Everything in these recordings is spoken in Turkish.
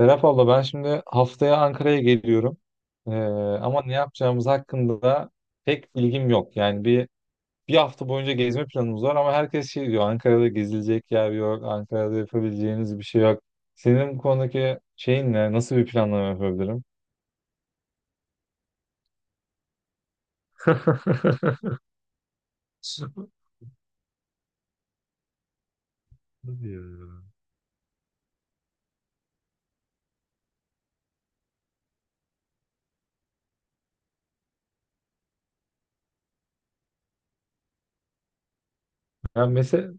Serap abla ben şimdi haftaya Ankara'ya geliyorum. Ee, ama ne yapacağımız hakkında da pek bilgim yok. Yani bir hafta boyunca gezme planımız var ama herkes şey diyor Ankara'da gezilecek yer yok, Ankara'da yapabileceğiniz bir şey yok. Senin bu konudaki şeyin ne? Nasıl bir planlama yapabilirim? Hadi ya. Ya mesela...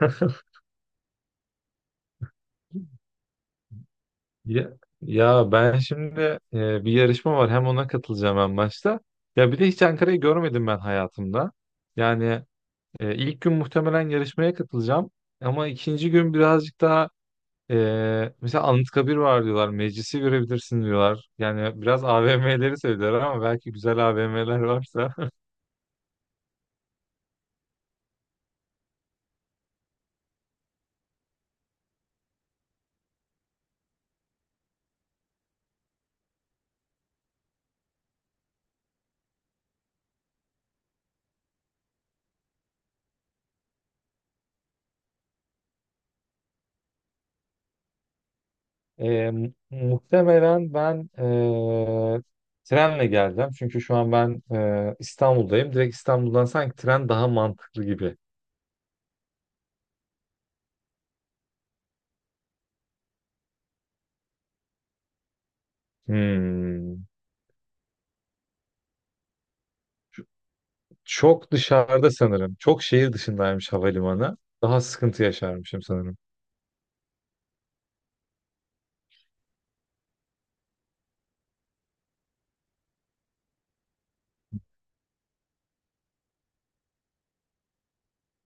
ya, ya ben şimdi bir yarışma var. Hem ona katılacağım en başta. Ya bir de hiç Ankara'yı görmedim ben hayatımda. Yani ilk gün muhtemelen yarışmaya katılacağım. Ama ikinci gün birazcık daha e, mesela Anıtkabir var diyorlar. Meclisi görebilirsin diyorlar. Yani biraz AVM'leri söylüyorlar ama belki güzel AVM'ler varsa. Muhtemelen ben trenle geleceğim. Çünkü şu an ben İstanbul'dayım. Direkt İstanbul'dan sanki tren daha mantıklı gibi. Hmm. Çok dışarıda sanırım. Çok şehir dışındaymış havalimanı. Daha sıkıntı yaşarmışım sanırım.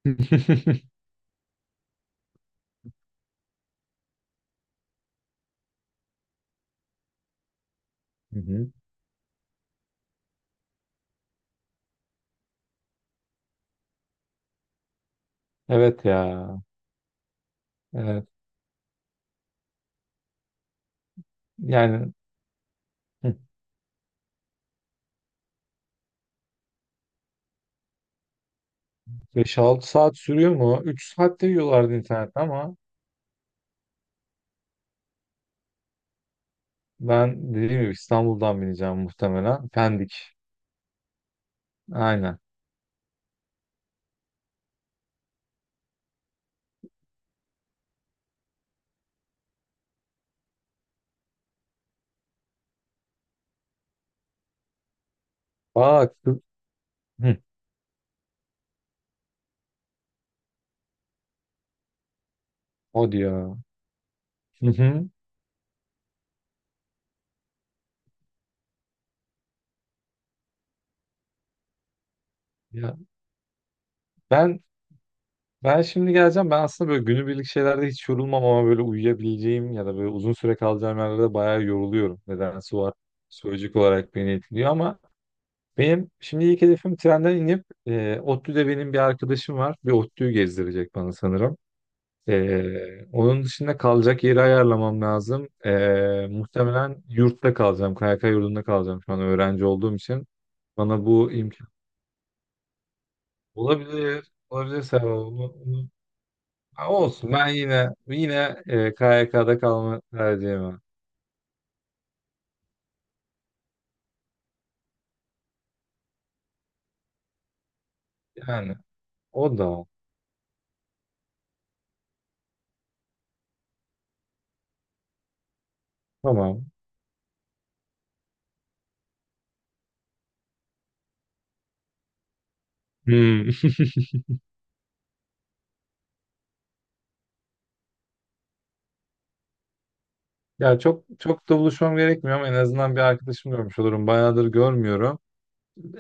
Hı hı. Evet ya. Evet. Yani hı, 5-6 saat sürüyor mu? 3 saatte yiyorlardı internette ama ben dediğim gibi İstanbul'dan bineceğim muhtemelen. Pendik. Aynen. Bak. Hı, hı. O diyor. Hı hı. Ya ben ben şimdi geleceğim. Ben aslında böyle günübirlik şeylerde hiç yorulmam ama böyle uyuyabileceğim ya da böyle uzun süre kalacağım yerlerde bayağı yoruluyorum. Nedense var. Psikolojik olarak beni etkiliyor ama benim şimdi ilk hedefim trenden inip ODTÜ'de benim bir arkadaşım var. Bir ODTÜ'yü gezdirecek bana sanırım. Onun dışında kalacak yeri ayarlamam lazım. Muhtemelen yurtta kalacağım. KYK yurdunda kalacağım şu an öğrenci olduğum için. Bana bu imkan olabilir. Olabilir Serap, ha, olsun. Ben yine yine KYK'da kalma tercihim var. Yani o da tamam. Hmm. Ya çok çok da buluşmam gerekmiyor ama en azından bir arkadaşım görmüş olurum. Bayağıdır görmüyorum.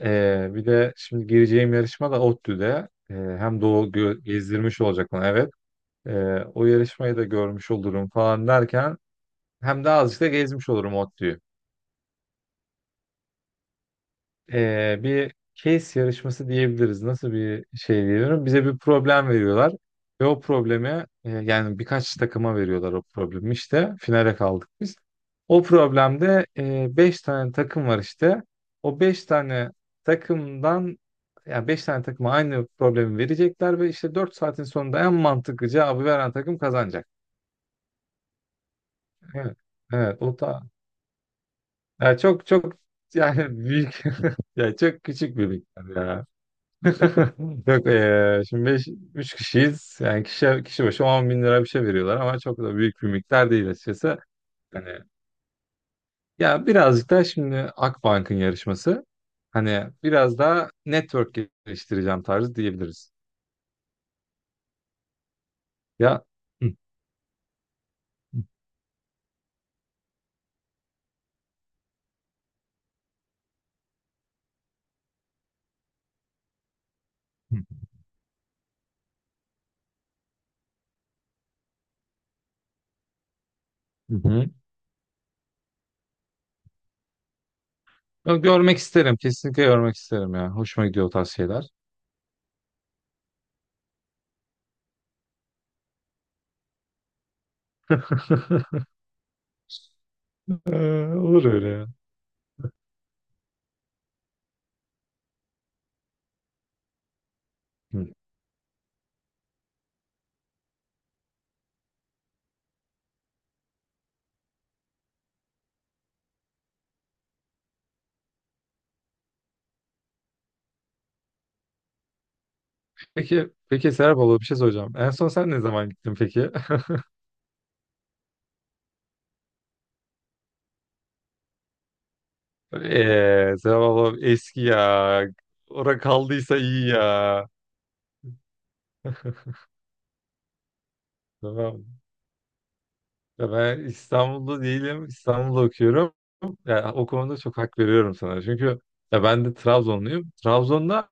Bir de şimdi gireceğim yarışma da ODTÜ'de. Hem gezdirmiş olacak bana, evet. O yarışmayı da görmüş olurum falan derken hem de azıcık da gezmiş olurum ODTÜ'yü. Bir case yarışması diyebiliriz. Nasıl bir şey diyebilirim? Bize bir problem veriyorlar ve o problemi yani birkaç takıma veriyorlar o problemi işte. Finale kaldık biz. O problemde 5 tane takım var işte. O 5 tane takımdan yani 5 tane takıma aynı problemi verecekler ve işte 4 saatin sonunda en mantıklı cevabı veren takım kazanacak. Evet. Evet, o da yani çok çok yani büyük, yani çok küçük bir miktar ya. Yok, şimdi 5 3 kişiyiz. Yani kişi başı 10 bin lira bir şey veriyorlar ama çok da büyük bir miktar değil açıkçası. Hani ya birazcık da şimdi Akbank'ın yarışması. Hani biraz daha network geliştireceğim tarzı diyebiliriz. Ya, hı, hı, hı, hı, hı. Ya görmek isterim. Kesinlikle görmek isterim ya. Hoşuma gidiyor o tarz şeyler. Olur öyle ya. Hı. Peki, peki Serap abla bir şey soracağım. En son sen ne zaman gittin peki? Tamam, eski ya. Ora kaldıysa iyi ya. Tamam. Ya ben İstanbul'da değilim. İstanbul'da okuyorum. Ya o konuda çok hak veriyorum sana. Çünkü ya ben de Trabzonluyum. Trabzon'da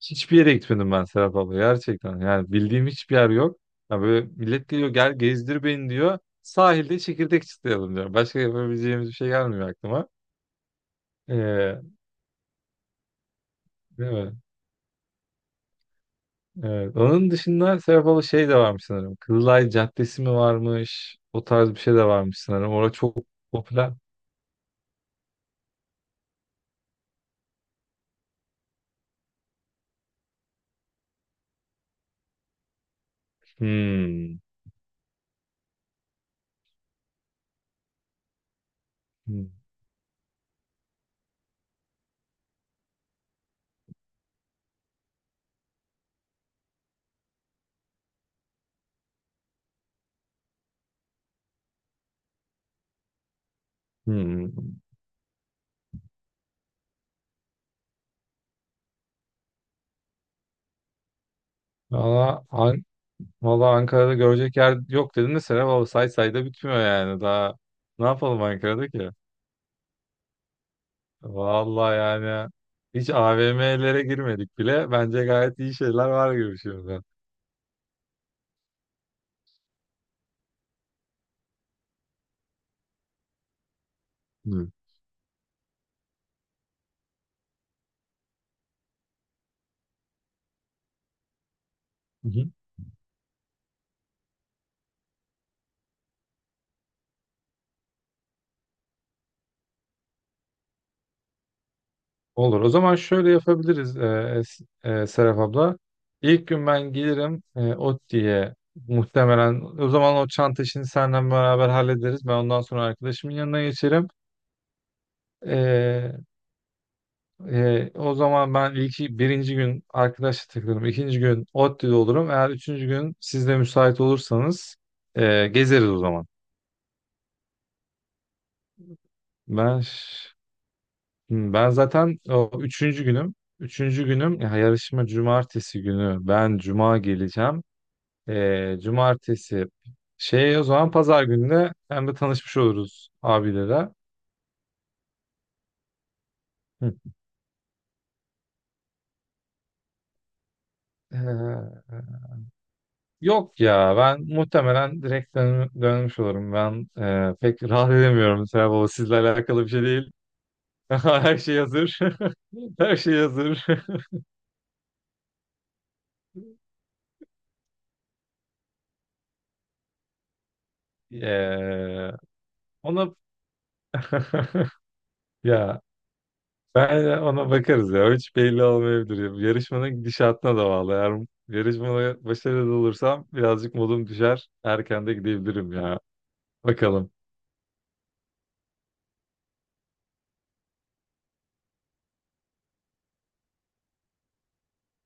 hiçbir yere gitmedim ben Serap abla. Gerçekten. Yani bildiğim hiçbir yer yok. Ya böyle millet geliyor, gel gezdir beni diyor. Sahilde çekirdek çıtlayalım diyor. Başka yapabileceğimiz bir şey gelmiyor aklıma. Ee, Değil mi? Evet. Onun dışında Serap abla şey de varmış sanırım. Kızılay Caddesi mi varmış? O tarz bir şey de varmış sanırım. Orada çok popüler. Hmm. Hmm. Hmm. Valla An- Valla Ankara'da görecek yer yok dedin de Serap abla, say say da bitmiyor yani. Daha ne yapalım Ankara'da ki? Valla yani hiç AVM'lere girmedik bile. Bence gayet iyi şeyler var gibi şimdi. Olur. O zaman şöyle yapabiliriz Es- Serap abla. İlk gün ben gelirim ODTÜ'ye muhtemelen. O zaman o çanta işini senden beraber hallederiz. Ben ondan sonra arkadaşımın yanına geçerim. E, O zaman ben birinci gün arkadaşla takılırım. İkinci gün ODTÜ'de olurum. Eğer üçüncü gün siz de müsait olursanız gezeriz o zaman. Ben ş- Ben zaten o üçüncü günüm. Üçüncü günüm ya, yarışma cumartesi günü. Ben cuma geleceğim. Cumartesi. Şey, o zaman pazar gününe hem de tanışmış oluruz abilere. Hı. Ee, Yok ya, ben muhtemelen direkt dönmüş olurum. Ben pek rahat edemiyorum Serap Baba. Sizle alakalı bir şey değil. Her şey hazır. Her şey hazır. Ee, ona Ya ben ona bakarız ya. Hiç belli olmayabilir. Yarışmanın gidişatına da bağlı. Eğer yarışmada başarılı olursam birazcık modum düşer. Erken de gidebilirim ya. Bakalım.